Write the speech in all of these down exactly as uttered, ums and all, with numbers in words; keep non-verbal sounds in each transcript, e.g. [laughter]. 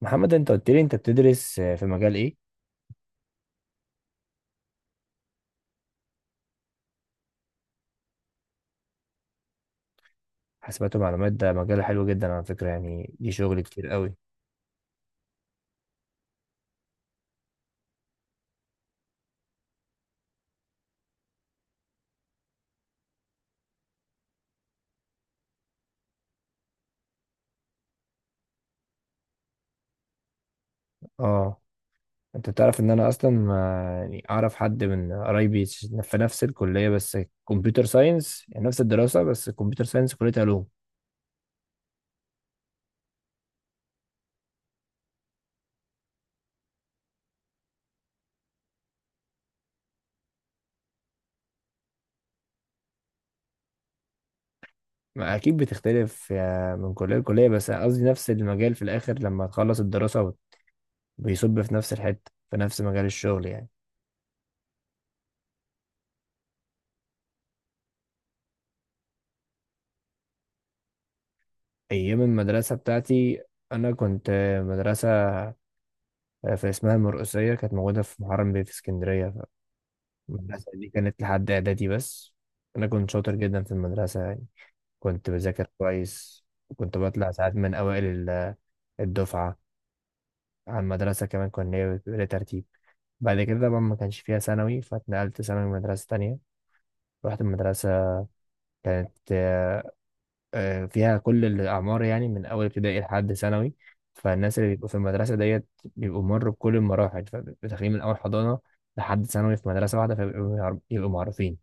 محمد انت قلت لي انت بتدرس في مجال ايه؟ حاسبات ومعلومات ده مجال حلو جدا على فكرة، يعني دي شغل كتير قوي. اه، انت تعرف ان انا اصلا آه، يعني اعرف حد من قرايبي في نفس الكلية، بس كمبيوتر ساينس يعني نفس الدراسة، بس كمبيوتر ساينس كلية علوم. ما اكيد بتختلف آه، من كلية لكلية، بس قصدي نفس المجال في الاخر لما تخلص الدراسة بيصب في نفس الحتة في نفس مجال الشغل يعني. ايام المدرسة بتاعتي انا كنت آه، مدرسة آه، في اسمها المرقسية، كانت موجودة في محرم بيه في اسكندرية. فالمدرسة دي كانت لحد إعدادي بس. أنا كنت شاطر جدا في المدرسة يعني، كنت بذاكر كويس وكنت بطلع ساعات من أوائل ال- الدفعة على المدرسة. كمان كنا إيه، بيبقى ترتيب. بعد كده بقى ما كانش فيها ثانوي، فاتنقلت ثانوي مدرسة تانية. رحت المدرسة كانت آه، فيها كل الأعمار، يعني من أول ابتدائي لحد ثانوي. فالناس اللي بيبقوا في المدرسة ديت بيبقوا مروا بكل المراحل، فداخلين من أول حضانة لحد ثانوي في مدرسة واحدة، فبيبقوا يعر- يبقوا معروفين.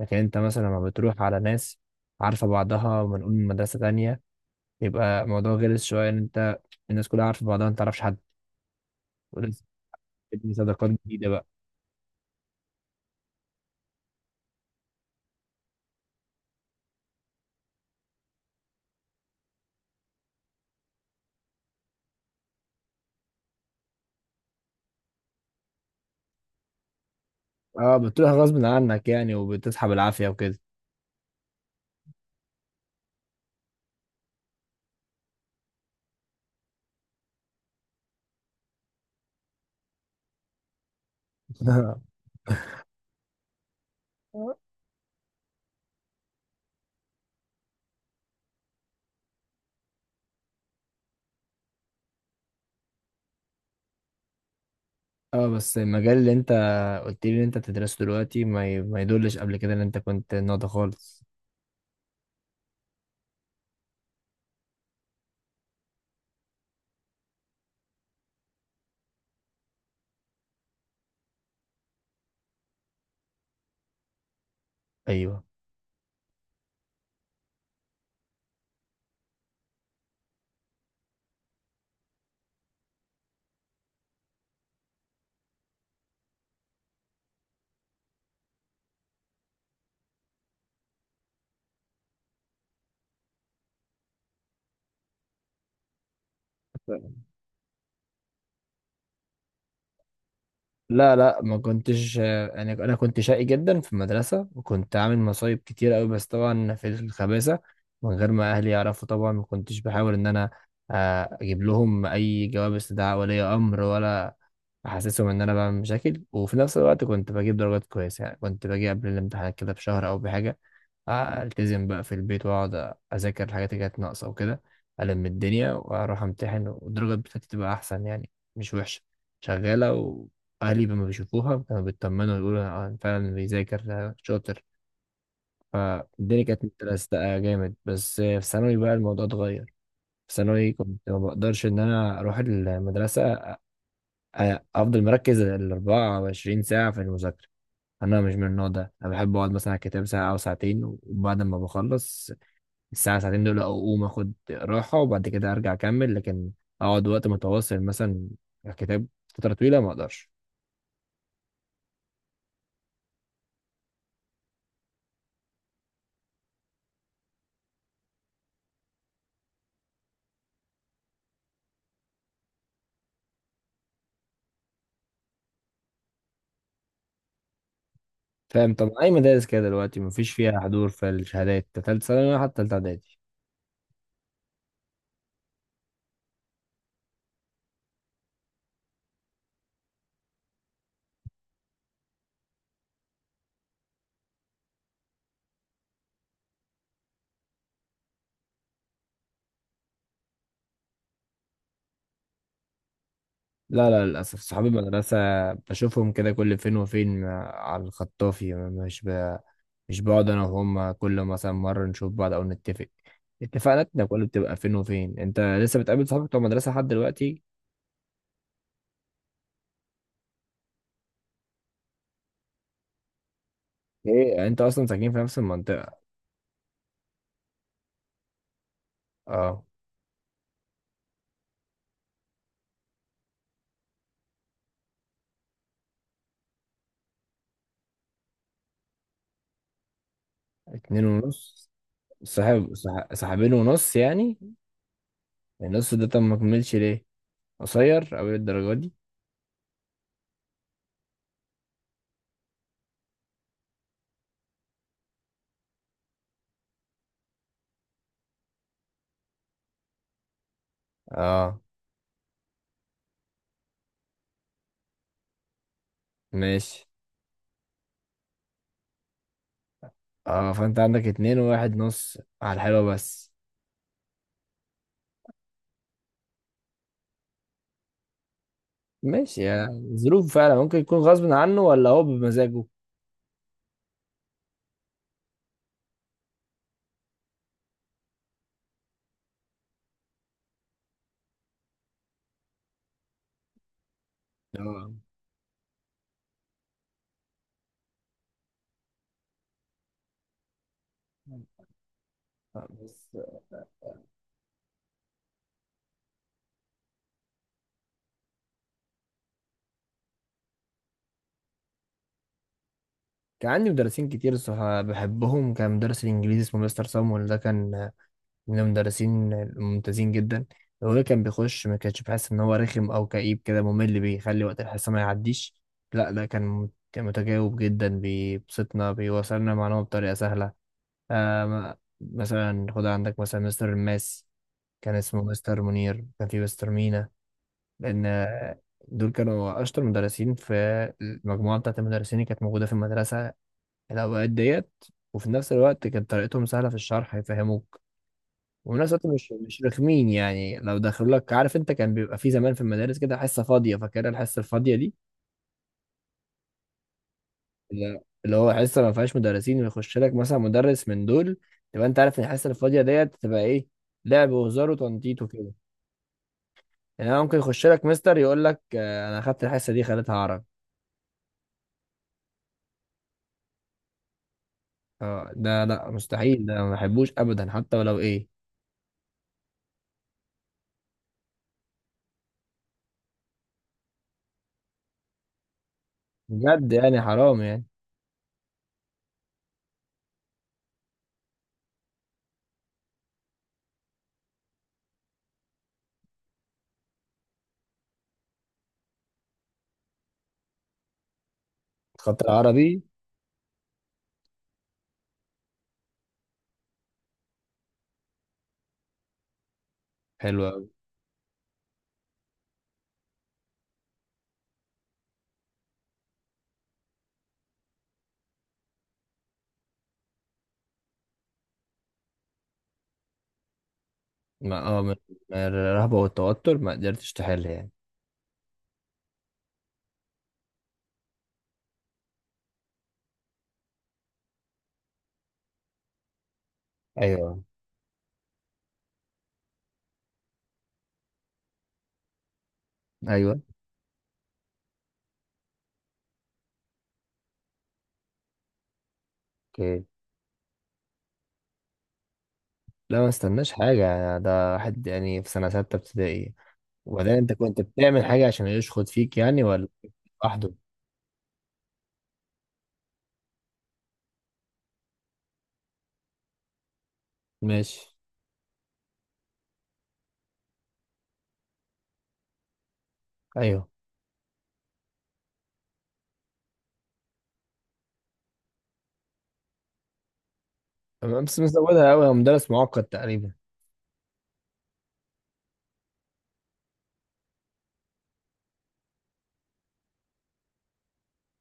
لكن أنت مثلا لما بتروح على ناس عارفة بعضها، ونقول من مدرسة تانية، يبقى الموضوع غلس شوية إن أنت الناس كلها عارفة بعضها أنت متعرفش حد ولسه بتبني صداقات جديدة بقى. اه، بتروح غصب عنك يعني وبتسحب العافية وكده. [laughs] اه، بس المجال اللي انت قلت لي ان انت بتدرسه دلوقتي ما, ي... ما يدلش قبل كده ان انت كنت ناضي خالص. ايوه، لا لا ما كنتش، انا انا كنت شقي جدا في المدرسه وكنت عامل مصايب كتير قوي، بس طبعا في الخباثه من غير ما اهلي يعرفوا. طبعا ما كنتش بحاول ان انا آه، اجيب لهم اي جواب استدعاء ولي امر ولا احسسهم ان انا بعمل مشاكل. وفي نفس الوقت كنت بجيب درجات كويسه يعني، كنت باجي قبل الامتحانات كده بشهر او بحاجه، التزم بقى في البيت واقعد اذاكر الحاجات اللي كانت ناقصه وكده، الم الدنيا واروح امتحن والدرجات بتاعتي تبقى احسن يعني، مش وحشه، شغاله. واهلي لما بيشوفوها كانوا بيطمنوا، يقولوا آه، فعلا بيذاكر آه، شاطر. فالدنيا كانت متلزقه جامد، بس في ثانوي بقى الموضوع اتغير. في ثانوي كنت ما بقدرش ان انا اروح المدرسه أ- أ- افضل مركز ال اربعة وعشرين ساعه في المذاكره. انا مش من النوع ده، انا بحب اقعد مثلا على الكتاب ساعه او ساعتين وبعد ما بخلص الساعة ساعتين دول أقوم أخد راحة وبعد كده أرجع أكمل، لكن أقعد وقت متواصل مثلا على كتاب فترة طويلة ما أقدرش. فاهم، طب أي مدارس كده دلوقتي مفيش فيها حضور في الشهادات تالتة ثانوي ولا حتى تالتة إعدادي؟ لا لا للأسف صحابي المدرسة بشوفهم كده كل فين وفين على الخطافي، مش ب... مش بقعد أنا وهم كل مثلا مرة نشوف بعض أو نتفق. اتفاقاتنا كلها بتبقى فين وفين. أنت لسه بتقابل صحابك بتوع المدرسة لحد دلوقتي؟ إيه أنت أصلا ساكنين في نفس المنطقة؟ أه. اتنين ونص. صاحب صاح- صاحبين ونص يعني؟ النص ده طب ما كملش ليه؟ قصير أوي الدرجة دي. اه، ماشي. اه، فانت عندك اتنين وواحد نص على الحلوة بس. ماشي يا ظروف، فعلا ممكن يكون غصب عنه ولا هو بمزاجه. اه بس كان عندي مدرسين كتير الصراحة بحبهم. كان مدرس الإنجليزي اسمه مستر صامويل، ده كان من المدرسين الممتازين جدا. لو ده كان بيخش ما كانش بحس ان هو رخم او كئيب كده ممل، بيخلي وقت الحصه ما يعديش. لا ده كان مت- متجاوب جدا، بيبسطنا، بيوصلنا المعلومه بطريقه سهله. آه م- مثلا خد عندك مثلا مستر الماس، كان اسمه مستر منير، كان في مستر مينا. لان آه، دول كانوا اشطر مدرسين في المجموعه بتاعت المدرسين اللي كانت موجوده في المدرسه الاوقات ديت. وفي نفس الوقت كانت طريقتهم سهله في الشرح، يفهموك. والناس دلوقتي مش مش رخمين يعني لو دخلوا لك. عارف انت كان بيبقى في زمان في المدارس كده حصه فاضيه، فاكرها الحصه الفاضيه دي، اللي اللي هو حصه ما فيهاش مدرسين، ويخش لك مثلا مدرس من دول، تبقى انت عارف ان الحصه الفاضيه ديت تبقى ايه، لعب وهزار وتنطيط وكده. يعني انا ممكن يخش لك مستر يقول لك آه، انا اخدت الحصه دي خليتها عرب. اه، ده لا مستحيل، ده ما بحبوش ابدا حتى ولو ايه. بجد يعني حرام يعني. خط العربي حلو قوي. ما اه، من من الرهبه والتوتر ما قدرتش تحل يعني؟ ايوه، ايوه، اوكي. لا ما استناش حاجة، ده واحد يعني في سنة ستة ابتدائي. وبعدين انت كنت بتعمل حاجة عشان يشخط فيك يعني ولا؟ لوحده؟ ماشي. ايوه تمام، بس مزودها قوي، هو مدرس معقد تقريبا.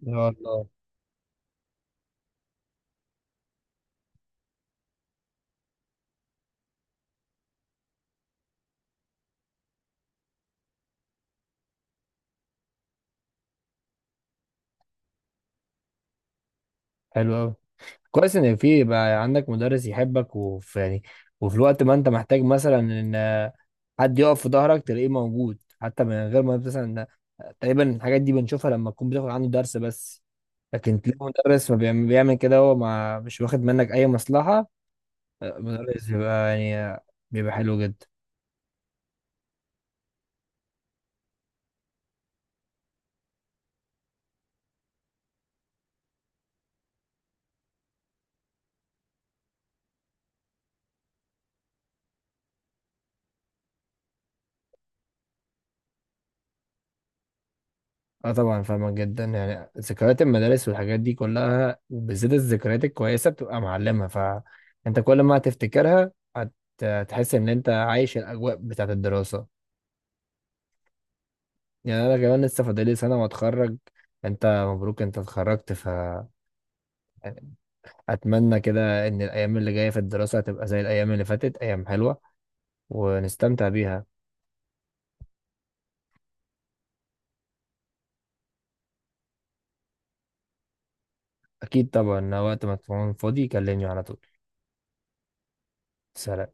يا الله. حلو قوي. كويس ان في بقى عندك مدرس يحبك، وفي يعني وفي الوقت ما انت محتاج مثلا ان آه، حد يقف في ظهرك تلاقيه موجود حتى من غير ما مثلا، تقريبا الحاجات دي بنشوفها لما تكون بتاخد عنده درس بس. لكن تلاقي مدرس ما بيعمل, بيعمل كده هو ما مش واخد منك اي مصلحة، آه، مدرس بيبقى يعني آه، بيبقى حلو جدا. اه طبعا فاهمك جدا يعني، ذكريات المدارس والحاجات دي كلها وبالذات الذكريات الكويسه بتبقى معلمه، فانت كل ما هتفتكرها هت- هتحس ان انت عايش الاجواء بتاعت الدراسه. يعني انا كمان لسه فاضلي سنه واتخرج. انت مبروك، انت اتخرجت، ف اتمنى كده ان الايام اللي جايه في الدراسه هتبقى زي الايام اللي فاتت، ايام حلوه ونستمتع بيها. اكيد طبعا، وقت ما تكون فاضي كلمني على طول. سلام.